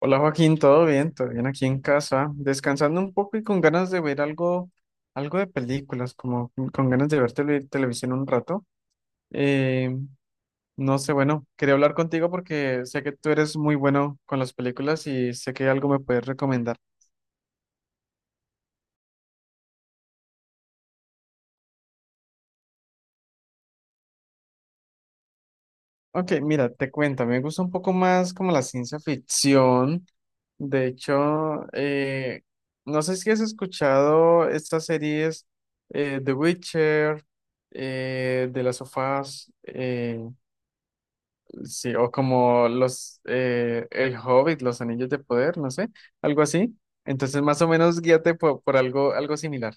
Hola Joaquín, ¿todo bien? ¿Todo bien aquí en casa? Descansando un poco y con ganas de ver algo, algo de películas, como con ganas de ver televisión un rato. Eh, no sé, bueno, quería hablar contigo porque sé que tú eres muy bueno con las películas y sé que algo me puedes recomendar. Ok, mira, te cuento, me gusta un poco más como la ciencia ficción. De hecho, no sé si has escuchado estas series The Witcher, The Last of Us, sí, o como los El Hobbit, Los Anillos de Poder, no sé, algo así. Entonces, más o menos guíate por algo, algo similar.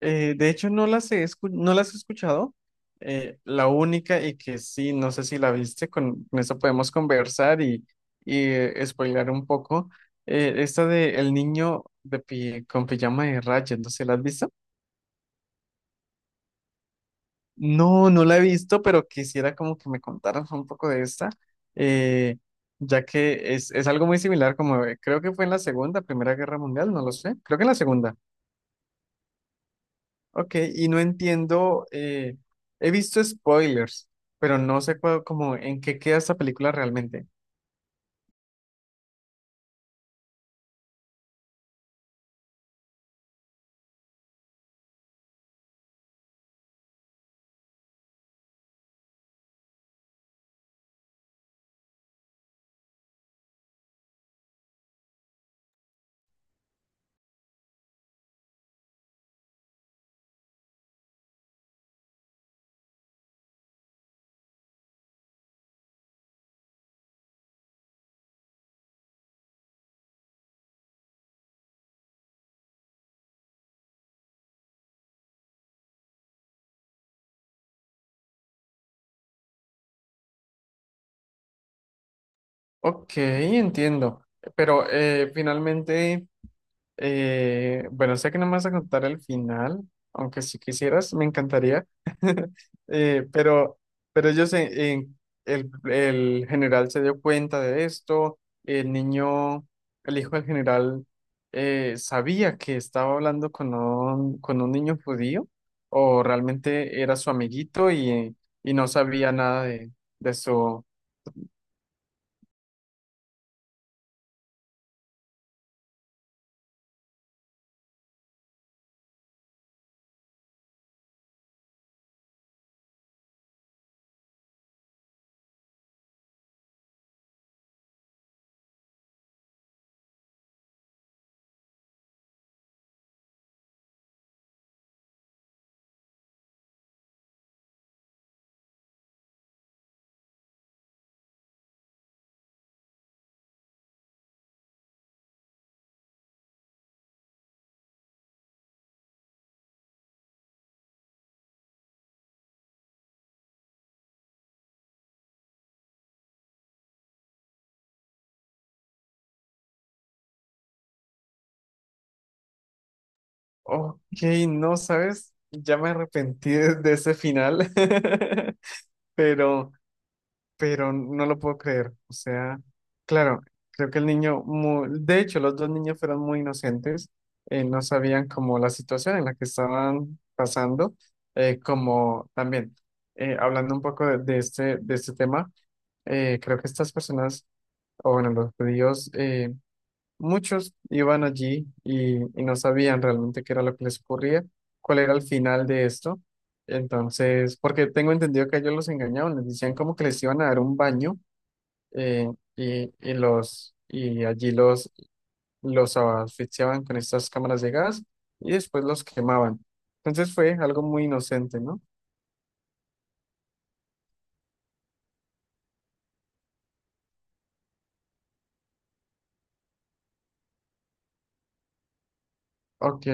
De hecho, no las he escuchado. La única y que sí, no sé si la viste, con eso podemos conversar y, y spoilear un poco. Esta de El niño de pi- con pijama de rayas, no sé, ¿la has visto? No, no la he visto, pero quisiera como que me contaras un poco de esta, eh, ya que es algo muy similar, como creo que fue en la Primera Guerra Mundial, no lo sé, creo que en la Segunda. Ok, y no entiendo, he visto spoilers, pero no sé como en qué queda esta película realmente. Ok, entiendo, pero finalmente... bueno, sé que no me vas a contar el final, aunque si quisieras, me encantaría. Eh, pero, pero ellos, el general se dio cuenta de esto, el niño, el hijo del general, sabía que estaba hablando con un niño judío, o realmente era su amiguito y no sabía nada de, de su... Ok, no sabes, ya me arrepentí de ese final, pero... pero no lo puedo creer. O sea, claro, creo que el niño, de hecho, los dos niños fueron muy inocentes, no sabían como la situación en la que estaban pasando, como también, hablando un poco de este tema, creo que estas personas, o bueno, los judíos, muchos iban allí y no sabían realmente qué era lo que les ocurría, cuál era el final de esto. Entonces, porque tengo entendido que ellos los engañaban, les decían como que les iban a dar un baño eh, y los y allí los asfixiaban con estas cámaras de gas y después los quemaban. Entonces fue algo muy inocente, ¿no? Ok.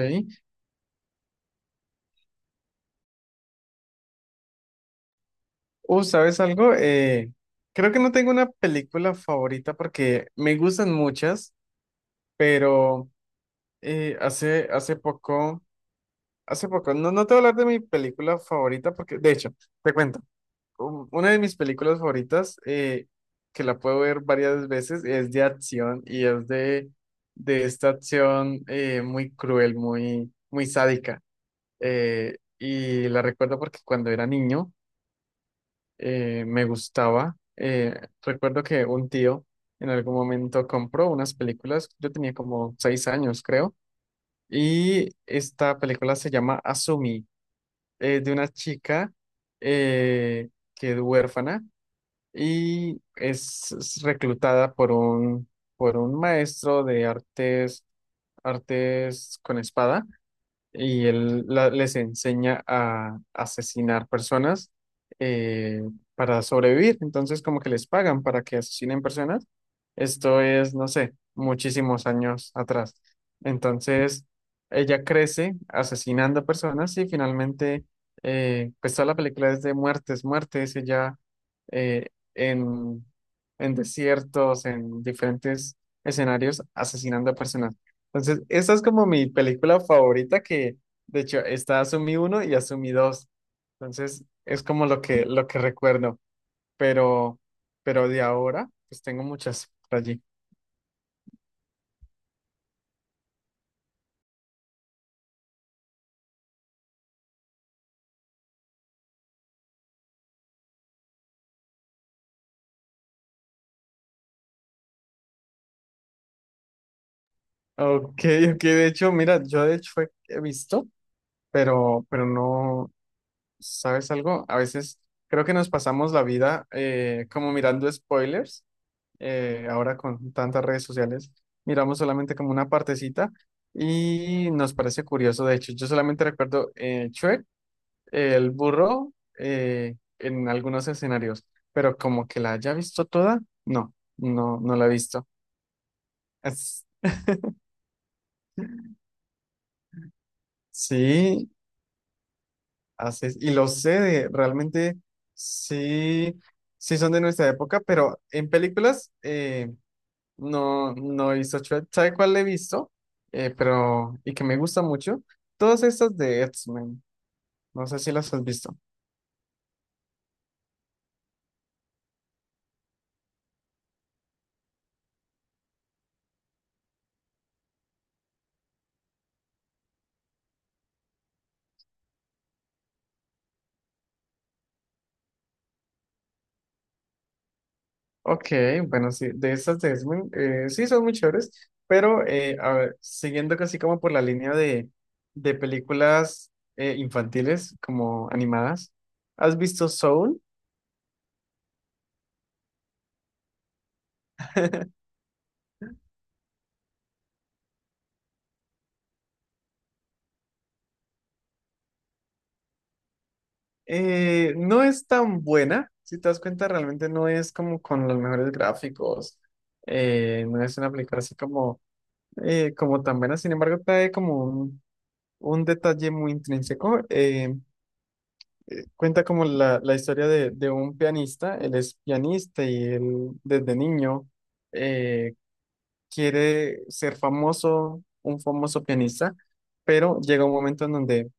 ¿Sabes algo? Creo que no tengo una película favorita porque me gustan muchas, pero hace poco, no, no te voy a hablar de mi película favorita porque, de hecho, te cuento. Una de mis películas favoritas, que la puedo ver varias veces, es de acción y es de esta acción muy cruel, muy sádica. Y la recuerdo porque cuando era niño me gustaba. Recuerdo que un tío en algún momento compró unas películas, yo tenía como 6 años, creo, y esta película se llama Asumi, es de una chica eh, que es huérfana y es reclutada por por un maestro de artes, artes con espada y les enseña a asesinar personas eh, para sobrevivir. Entonces, como que les pagan para que asesinen personas. Esto es, no sé, muchísimos años atrás. Entonces, ella crece asesinando personas y finalmente, pues toda la película es de muertes, ella eh, en, en desiertos, en diferentes escenarios, asesinando personas. Entonces, esa es como mi película favorita que, de hecho, está Asumí uno y Asumí dos. Entonces, es como lo que recuerdo. Pero, pero de ahora, pues tengo muchas por allí. Ok, ok, de hecho, mira, yo de hecho he visto, pero no, ¿sabes algo? A veces creo que nos pasamos la vida como mirando spoilers ahora con tantas redes sociales, miramos solamente como una partecita y nos parece curioso. De hecho, yo solamente recuerdo Shrek, el burro, en algunos escenarios, pero como que la haya visto toda, no, no la he visto. Es- sí, así es, y lo sé, realmente sí, sí son de nuestra época, pero en películas... no, no he visto Shrek. ¿Sabe cuál he visto? Pero, y que me gusta mucho. Todas estas de X-Men. No sé si las has visto. Ok, bueno, sí, de estas de X-Men, sí son muy chéveres. Pero, a ver, siguiendo casi como por la línea de películas infantiles, como animadas. ¿Has visto Soul? No es tan buena. Si te das cuenta, realmente no es como con los mejores gráficos. No es una película así como como tan buena, sin embargo, trae como un detalle muy intrínseco. Cuenta como la historia de un pianista, él es pianista y él desde niño eh, quiere ser famoso, un famoso pianista, pero llega un momento en donde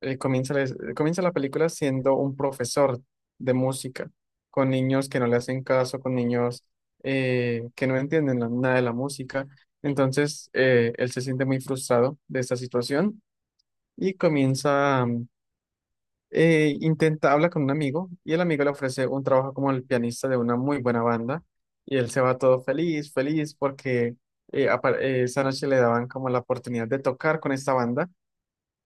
eh, comienza, la, comienza la película siendo un profesor de música, con niños que no le hacen caso, con niños que no entienden nada de la música. Entonces, él se siente muy frustrado de esta situación y intenta, habla con un amigo y el amigo le ofrece un trabajo como el pianista de una muy buena banda y él se va todo feliz, feliz porque... esa noche le daban como la oportunidad de tocar con esta banda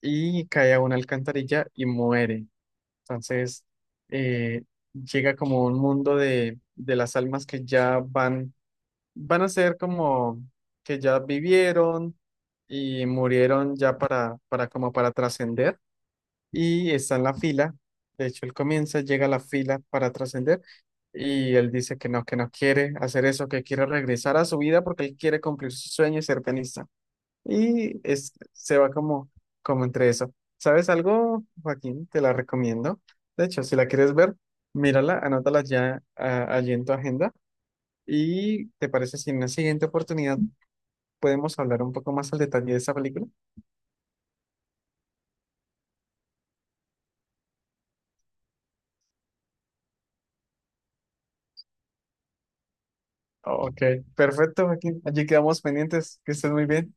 y cae a una alcantarilla y muere. Entonces, eh, llega como un mundo de las almas que ya van, van a ser como que ya vivieron y murieron ya para como para trascender y está en la fila. De hecho, él comienza, llega a la fila para trascender y él dice que no quiere hacer eso, que quiere regresar a su vida porque él quiere cumplir su sueño y ser pianista. Se va como, como entre eso. ¿Sabes algo, Joaquín? Te la recomiendo. De hecho, si la quieres ver, mírala, anótala ya allí en tu agenda. ¿Y te parece si en una siguiente oportunidad podemos hablar un poco más al detalle de esa película? Ok, perfecto, Joaquín. Allí quedamos pendientes. Que estés muy bien.